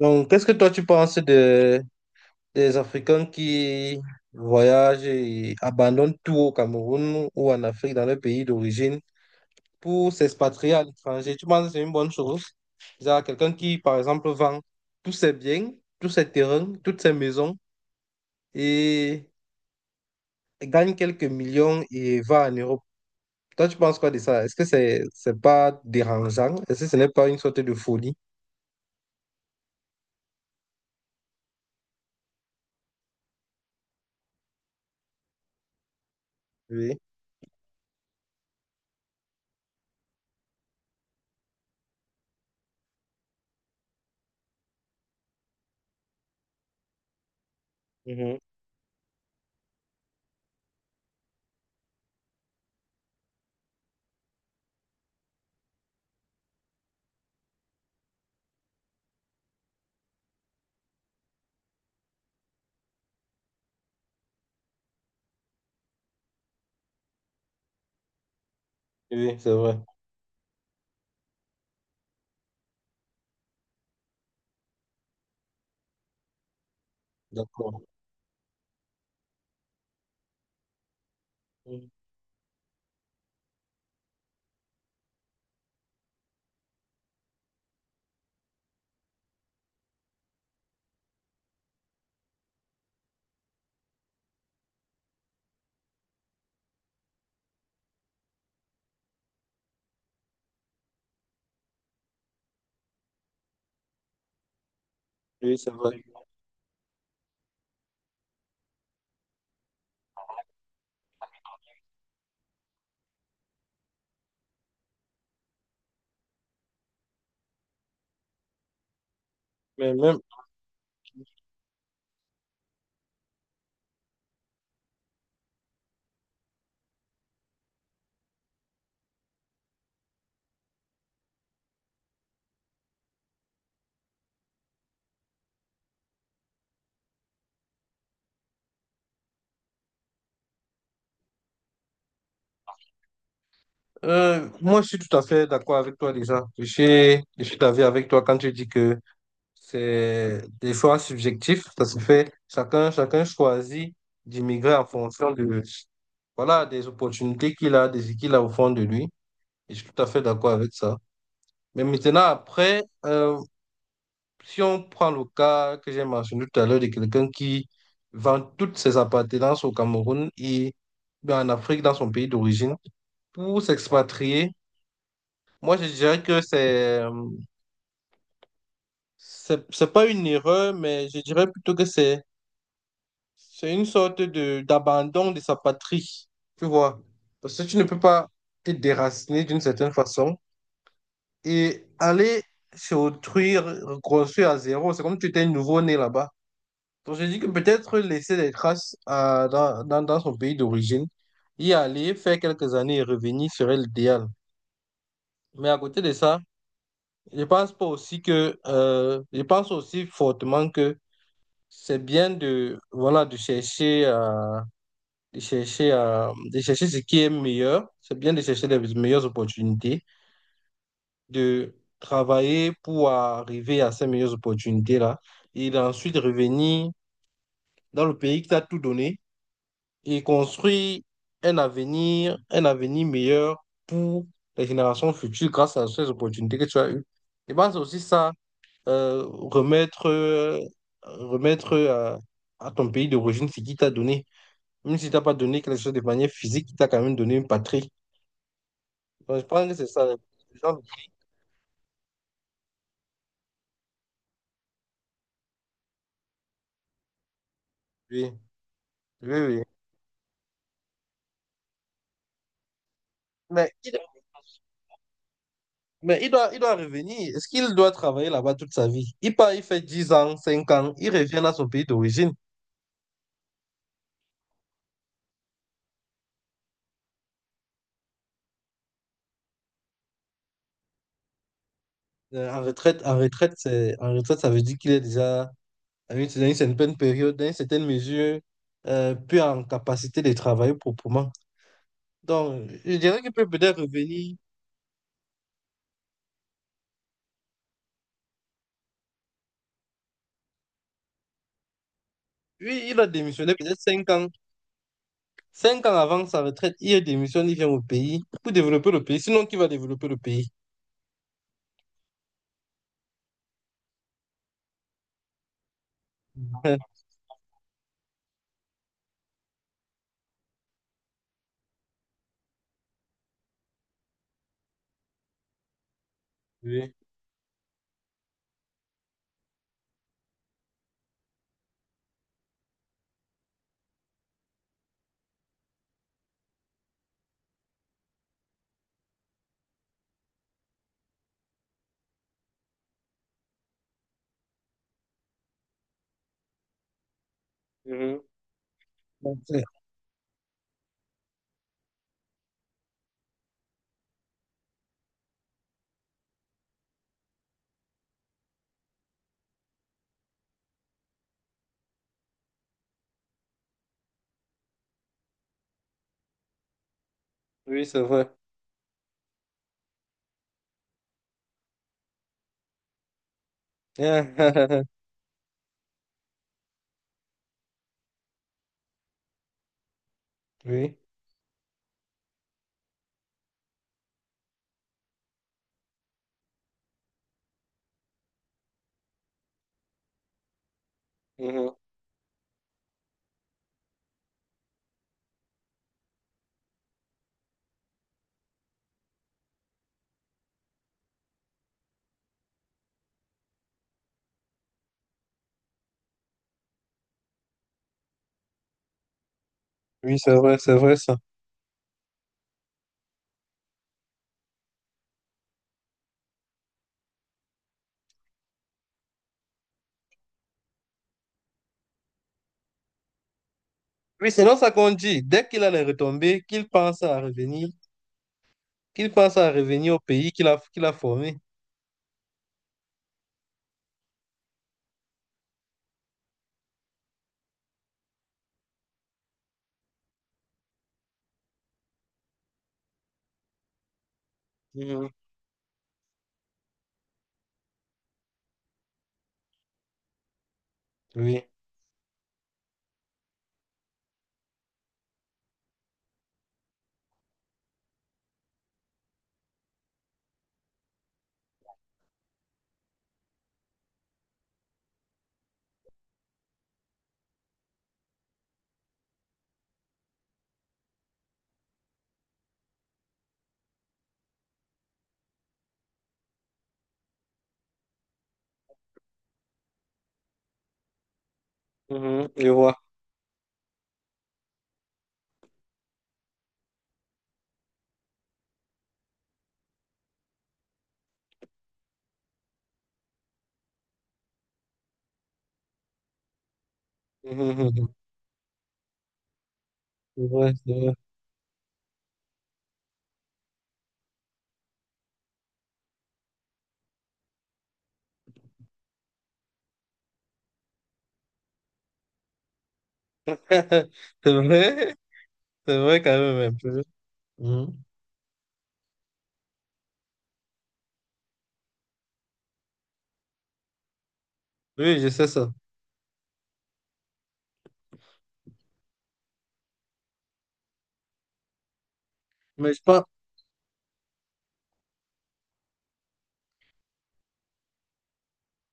Donc, qu'est-ce que toi tu penses de, des Africains qui voyagent et abandonnent tout au Cameroun ou en Afrique, dans leur pays d'origine, pour s'expatrier à l'étranger? Tu penses que c'est une bonne chose? Genre quelqu'un qui, par exemple, vend tous ses biens, tous ses terrains, toutes ses maisons et gagne quelques millions et va en Europe. Toi, tu penses quoi de ça? Est-ce que c'est pas dérangeant? Est-ce que ce n'est pas une sorte de folie? Oui. Mhm. Oui, c'est vrai. D'accord. Mhm. Oui, c'est vrai. Mais même, moi, je suis tout à fait d'accord avec toi déjà. Je suis d'avis avec toi quand tu dis que c'est des choix subjectifs. Ça se fait, chacun, chacun choisit d'immigrer en fonction de, voilà, des opportunités qu'il a, des qu'il a au fond de lui. Et je suis tout à fait d'accord avec ça. Mais maintenant, après, si on prend le cas que j'ai mentionné tout à l'heure de quelqu'un qui vend toutes ses appartenances au Cameroun et en Afrique, dans son pays d'origine, pour s'expatrier. Moi, je dirais que c'est pas une erreur, mais je dirais plutôt que c'est une sorte de d'abandon de sa patrie, tu vois. Parce que tu ne peux pas te déraciner d'une certaine façon et aller se autrui, reconstruire à zéro. C'est comme si tu étais nouveau-né là-bas. Donc, je dis que peut-être laisser des traces dans, dans son pays d'origine, y aller, faire quelques années et revenir serait l'idéal. Mais à côté de ça, je pense pas aussi que, je pense aussi fortement que c'est bien de, voilà, de chercher ce qui est meilleur. C'est bien de chercher les meilleures opportunités, de travailler pour arriver à ces meilleures opportunités-là et d'ensuite revenir dans le pays qui t'a tout donné et construire un avenir meilleur pour les générations futures grâce à ces opportunités que tu as eues. Je pense aussi ça euh, remettre, euh, remettre à ton pays d'origine ce qu'il t'a donné. Même si t'as pas donné quelque chose de manière physique, il t'a quand même donné une patrie. Donc, je pense que c'est ça. Les gens- Oui, oui, oui. Mais il doit, mais il doit, il doit revenir. Est-ce qu'il doit travailler là-bas toute sa vie? Il part, il fait 10 ans, 5 ans, il revient à son pays d'origine. En retraite, en retraite, ça veut dire qu'il est déjà à une- dans une certaine période, dans une certaine mesure, plus en capacité de travailler proprement. Donc, je dirais qu'il peut peut-être revenir. Lui, il a démissionné peut-être 5 ans. 5 ans avant sa retraite, il démissionne, il vient au pays pour développer le pays. Sinon, qui va développer le pays? Oui. Mhm. Donc, c'est- Oui, c'est vrai. Oui. Mhm. Oui, c'est vrai ça. Oui, sinon ça qu'on dit, dès qu'il a les retombées, qu'il pense à revenir, qu'il pense à revenir au pays qu'il a, qu'il a formé. Mhm. Oui. Mhm. Je vois. Mhm. C'est vrai, c'est vrai. C'est vrai. C'est vrai quand même un peu. Mhm. Oui, je sais ça. Mais je pense,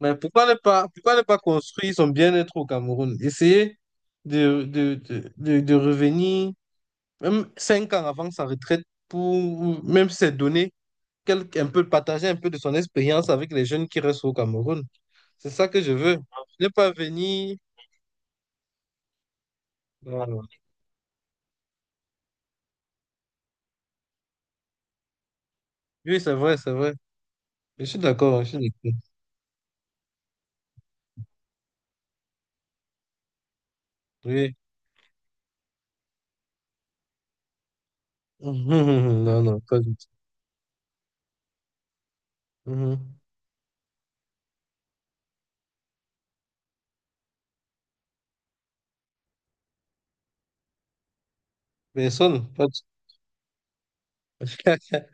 mais pourquoi ne pas construire son bien-être au Cameroun? Essayer de revenir, même 5 ans avant sa retraite, pour ou même se donner quelque, un peu, partager un peu de son expérience avec les jeunes qui restent au Cameroun. C'est ça que je veux. Ne pas venir. Voilà. Oui, c'est vrai, c'est vrai. Je suis d'accord, je suis d'accord. Oui. Non, non, pas du tout. Mhm. Personne, pas du tout.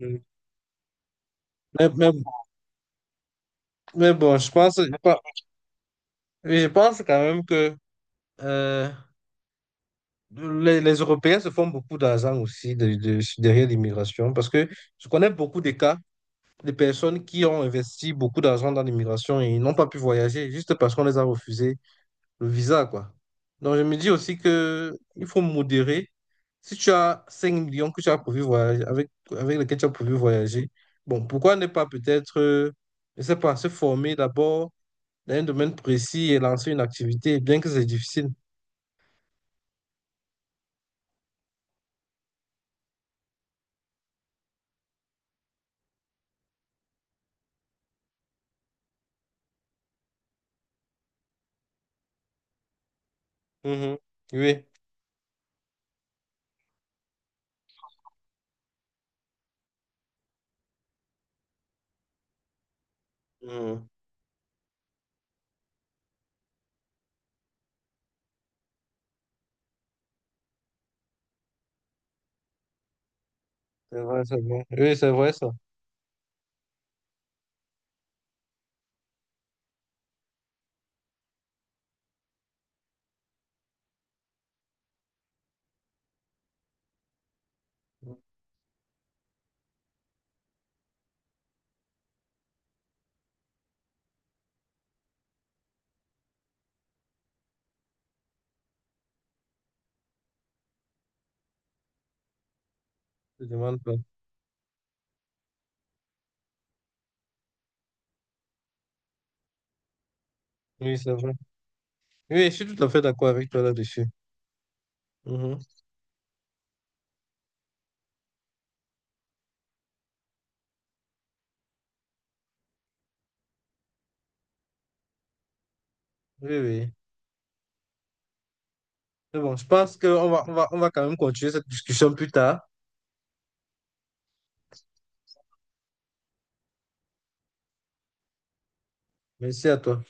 Mais, mais- mais bon, je pense oui, je pense quand même que euh, les Européens se font beaucoup d'argent aussi derrière l'immigration parce que je connais beaucoup de cas de personnes qui ont investi beaucoup d'argent dans l'immigration et ils n'ont pas pu voyager juste parce qu'on les a refusé le visa, quoi. Donc, je me dis aussi que il faut modérer. Si tu as 5 millions que tu as prévu voyager, avec lesquels tu as prévu voyager, bon, pourquoi ne pas peut-être, je sais pas, se former d'abord dans un domaine précis et lancer une activité, bien que c'est difficile. Mhm. Oui. Mhm. C'est vrai, c'est vrai. Oui, c'est vrai ça. Je te demande pas. Oui, c'est vrai. Oui, je suis tout à fait d'accord avec toi là-dessus. Mhm. Oui, oui. C'est bon, je pense qu'on va, on va, on va quand même continuer cette discussion plus tard. Merci à toi.